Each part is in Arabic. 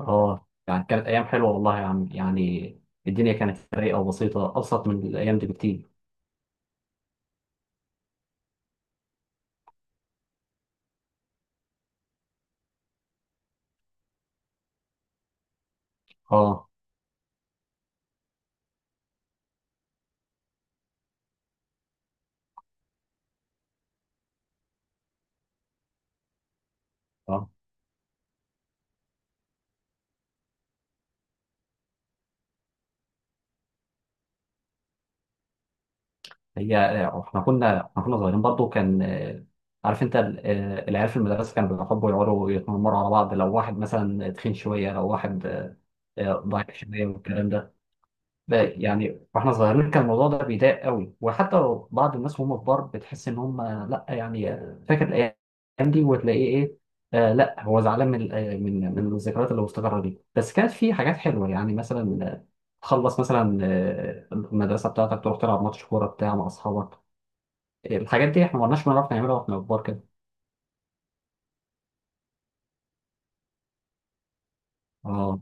اه، يعني كانت ايام حلوه والله يا عم، يعني الدنيا كانت رايقه وبسيطه، ابسط من الايام دي بكتير. اه، اه، هي. احنا كنا صغيرين برضو، كان عارف انت ال- آه، العيال في المدرسه كانوا بيحبوا يقعدوا يتنمروا على بعض، لو واحد مثلا تخين شويه، لو واحد ضعيف شويه والكلام ده. لا، يعني واحنا صغيرين كان الموضوع ده بيضايق قوي، وحتى لو بعض الناس وهم كبار بتحس ان هم، لا، يعني فاكر الايام دي وتلاقيه ايه. آه، لا، هو زعلان من من الذكريات اللي مستقره دي، بس كانت في حاجات حلوه يعني، مثلا تخلص مثلا المدرسه بتاعتك، تروح تلعب ماتش كوره بتاع مع اصحابك. الحاجات دي احنا ما كناش بنعرف نعملها واحنا كبار كده. اه،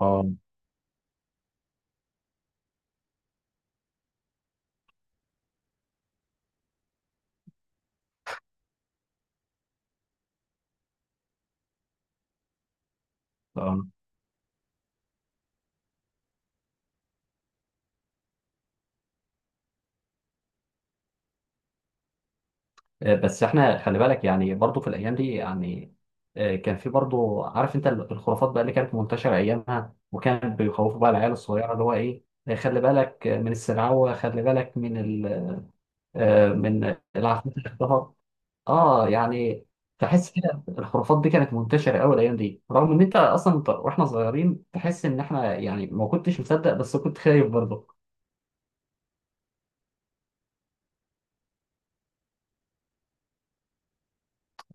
اه، اه. بس احنا خلي بالك يعني برضو في الايام دي يعني كان في برضو، عارف انت الخرافات بقى اللي كانت منتشره ايامها، وكان بيخوفوا بقى العيال الصغيره اللي هو ايه خلي بالك من السرعوه، خلي بالك من ال آه، من العفريت اللي اختفى. اه، يعني تحس كده الخرافات دي كانت منتشره قوي الايام دي، رغم ان انت اصلا، انت واحنا صغيرين تحس ان احنا يعني ما كنتش مصدق، بس كنت خايف برضه.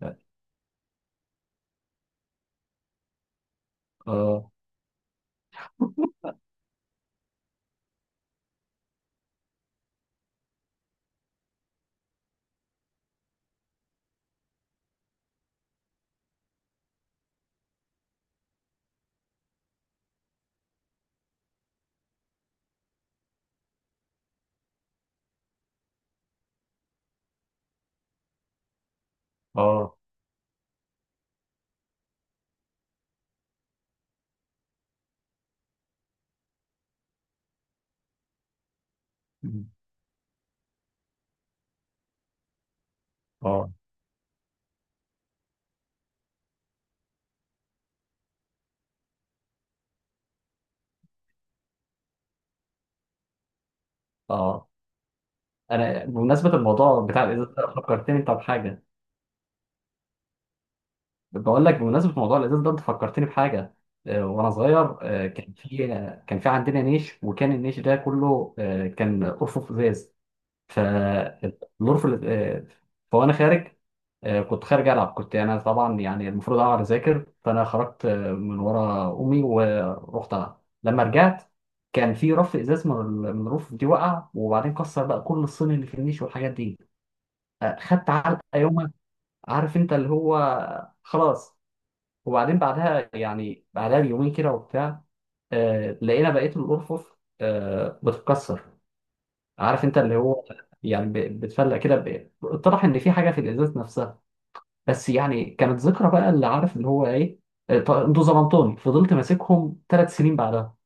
اه، اه، اه، اه. آه. انا بمناسبه الموضوع بتاع الازاز ده فكرتني انت بحاجه. بقول لك بمناسبه موضوع الازاز ده، انت فكرتني بحاجه. وانا صغير كان في عندنا نيش، وكان النيش ده كله كان ارفف ازاز. فالارف، فانا خارج كنت خارج العب. كنت انا طبعا يعني المفروض اقعد اذاكر، فانا خرجت من ورا امي ورحت العب. لما رجعت كان في رف ازاز من الرفوف دي وقع، وبعدين كسر بقى كل الصين اللي في النيش والحاجات دي. خدت علقه يومها. عارف انت اللي هو، خلاص. وبعدين بعدها يعني بعدها بيومين كده وبتاع لقينا بقيه الارفف بتتكسر. عارف انت اللي هو، يعني بتفلق كده، اتضح ان في حاجه في الازاز نفسها. بس يعني كانت ذكرى بقى اللي عارف اللي هو ايه. انتوا ظلمتوني، فضلت ماسكهم 3 سنين بعدها.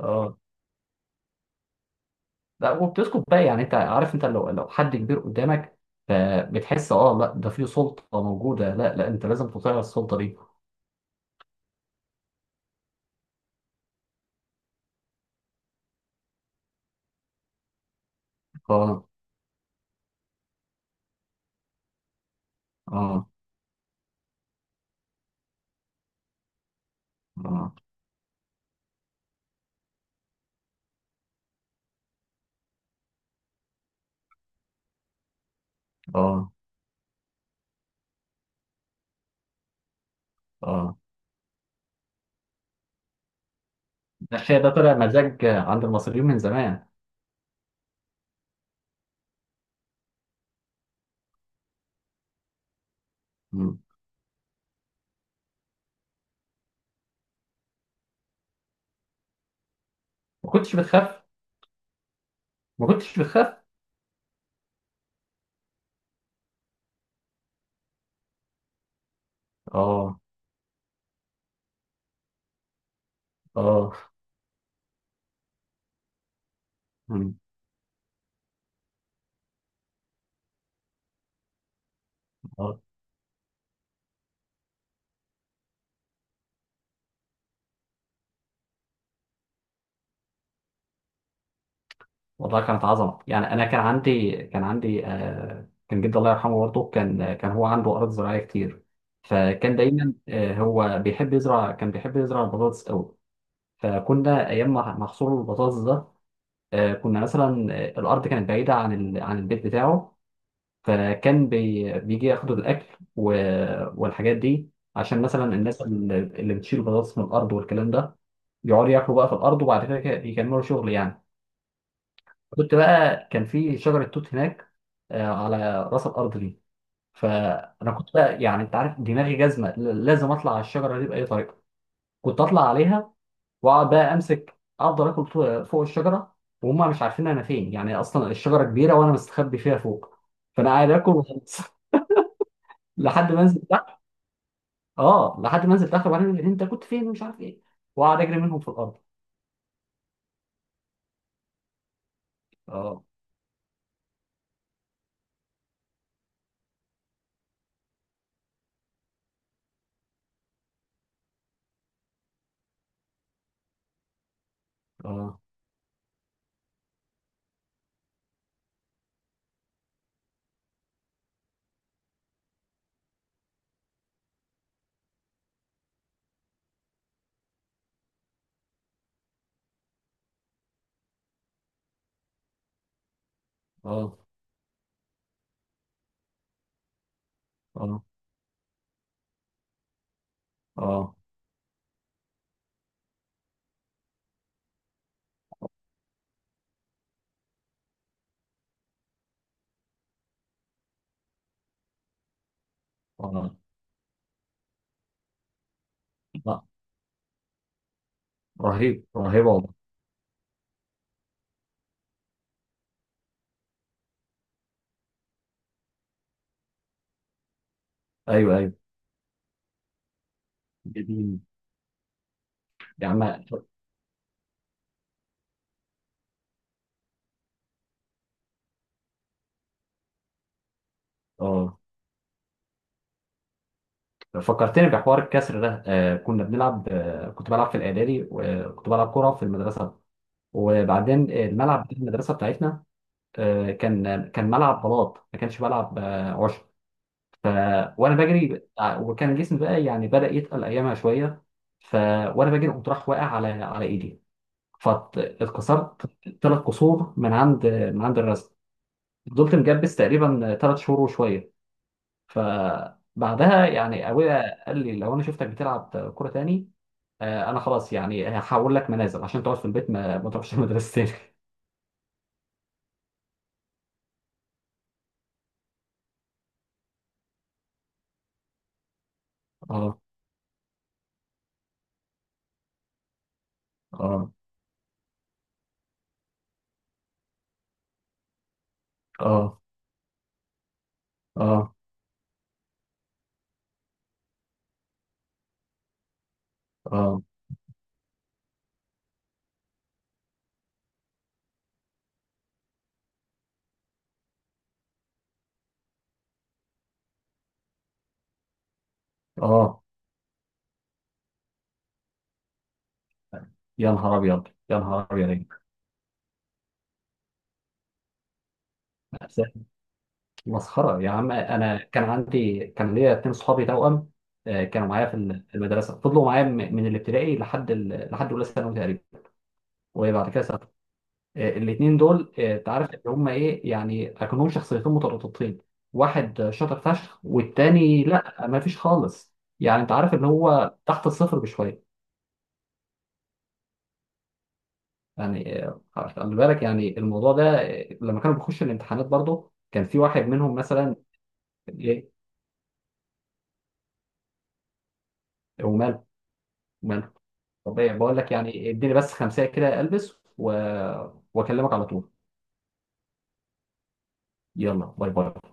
اه، لا، وبتسكت بقى، يعني انت عارف، انت لو حد كبير قدامك، فبتحس، اه، لا، ده في سلطه موجوده، لا لا، انت لازم تطيع السلطه دي. اه، اه، اه، اه، اه. المشاية ده طلع مزاج عند المصريين من زمان. مم. ما كنتش بتخاف؟ ما كنتش بتخاف؟ اه، اه. مم. اه، والله كانت عظمة، يعني انا كان عندي آه، كان جدي الله يرحمه، برضه كان هو عنده ارض زراعية كتير، فكان دايما آه، هو بيحب يزرع، كان بيحب يزرع البطاطس قوي. فكنا ايام ما محصول البطاطس ده، آه كنا مثلا الارض كانت بعيدة عن البيت بتاعه، فكان بيجي ياخدوا الاكل والحاجات دي، عشان مثلا الناس اللي بتشيل بطاطس من الارض والكلام ده، يقعدوا ياكلوا بقى في الارض، وبعد كده يكملوا شغل يعني. كنت بقى كان في شجره توت هناك على راس الارض دي، فانا كنت بقى يعني انت عارف دماغي جزمه، لازم اطلع على الشجره دي باي طريقه. كنت اطلع عليها، واقعد بقى امسك افضل اكل فوق فوق الشجره، وهم مش عارفين انا فين. يعني اصلا الشجره كبيره وانا مستخبي فيها فوق، فانا قاعد اكل وخلاص. لحد ما انزل. اه، لحد ما نزلت اخر، وبعدين انت كنت فين ومش عارف ايه، وقعد اجري منهم في الارض. اه، اه، اه، اه، اه، اه، لا، رهيب رهيب والله. ايوه، ايوه. جميل يا عم، اه. فكرتني بحوار الكسر ده، آه كنا بنلعب آه كنت بلعب في الاعدادي، وكنت بلعب كوره في المدرسه، وبعدين الملعب بتاع المدرسه بتاعتنا آه، كان ملعب بلاط، ما كانش ملعب آه عشب، ف وانا بجري وكان جسمي بقى يعني بدأ يتقل ايامها شويه، ف وانا بجري قمت راح واقع على ايدي، فاتكسرت ثلاث كسور من عند الرزق. فضلت مجبس تقريبا 3 شهور وشويه، فبعدها يعني ابويا قال لي لو انا شفتك بتلعب كوره تاني، انا خلاص يعني هحول لك منازل عشان تقعد في البيت ما تروحش المدرسه تاني. اه، اه، اه، اه، اه، اه، يا نهار ابيض، يا نهار ابيض. مسخرة يا عم، أنا كان ليا اتنين صحابي توأم كانوا معايا في المدرسة، فضلوا معايا من الابتدائي لحد أولى ثانوي تقريبا، وبعد كده سافروا. الاتنين دول أنت عارف إن هما إيه، يعني أكنهم شخصيتين مترابطتين، واحد شاطر فشخ والتاني لأ، ما فيش خالص، يعني أنت عارف إن هو تحت الصفر بشوية، يعني خلي بالك يعني الموضوع ده لما كانوا بيخشوا الامتحانات برضه، كان في واحد منهم مثلا. إيه، وماله. طبيعي، بقول لك يعني اديني بس خمسة كده، البس واكلمك على طول. يلا باي باي.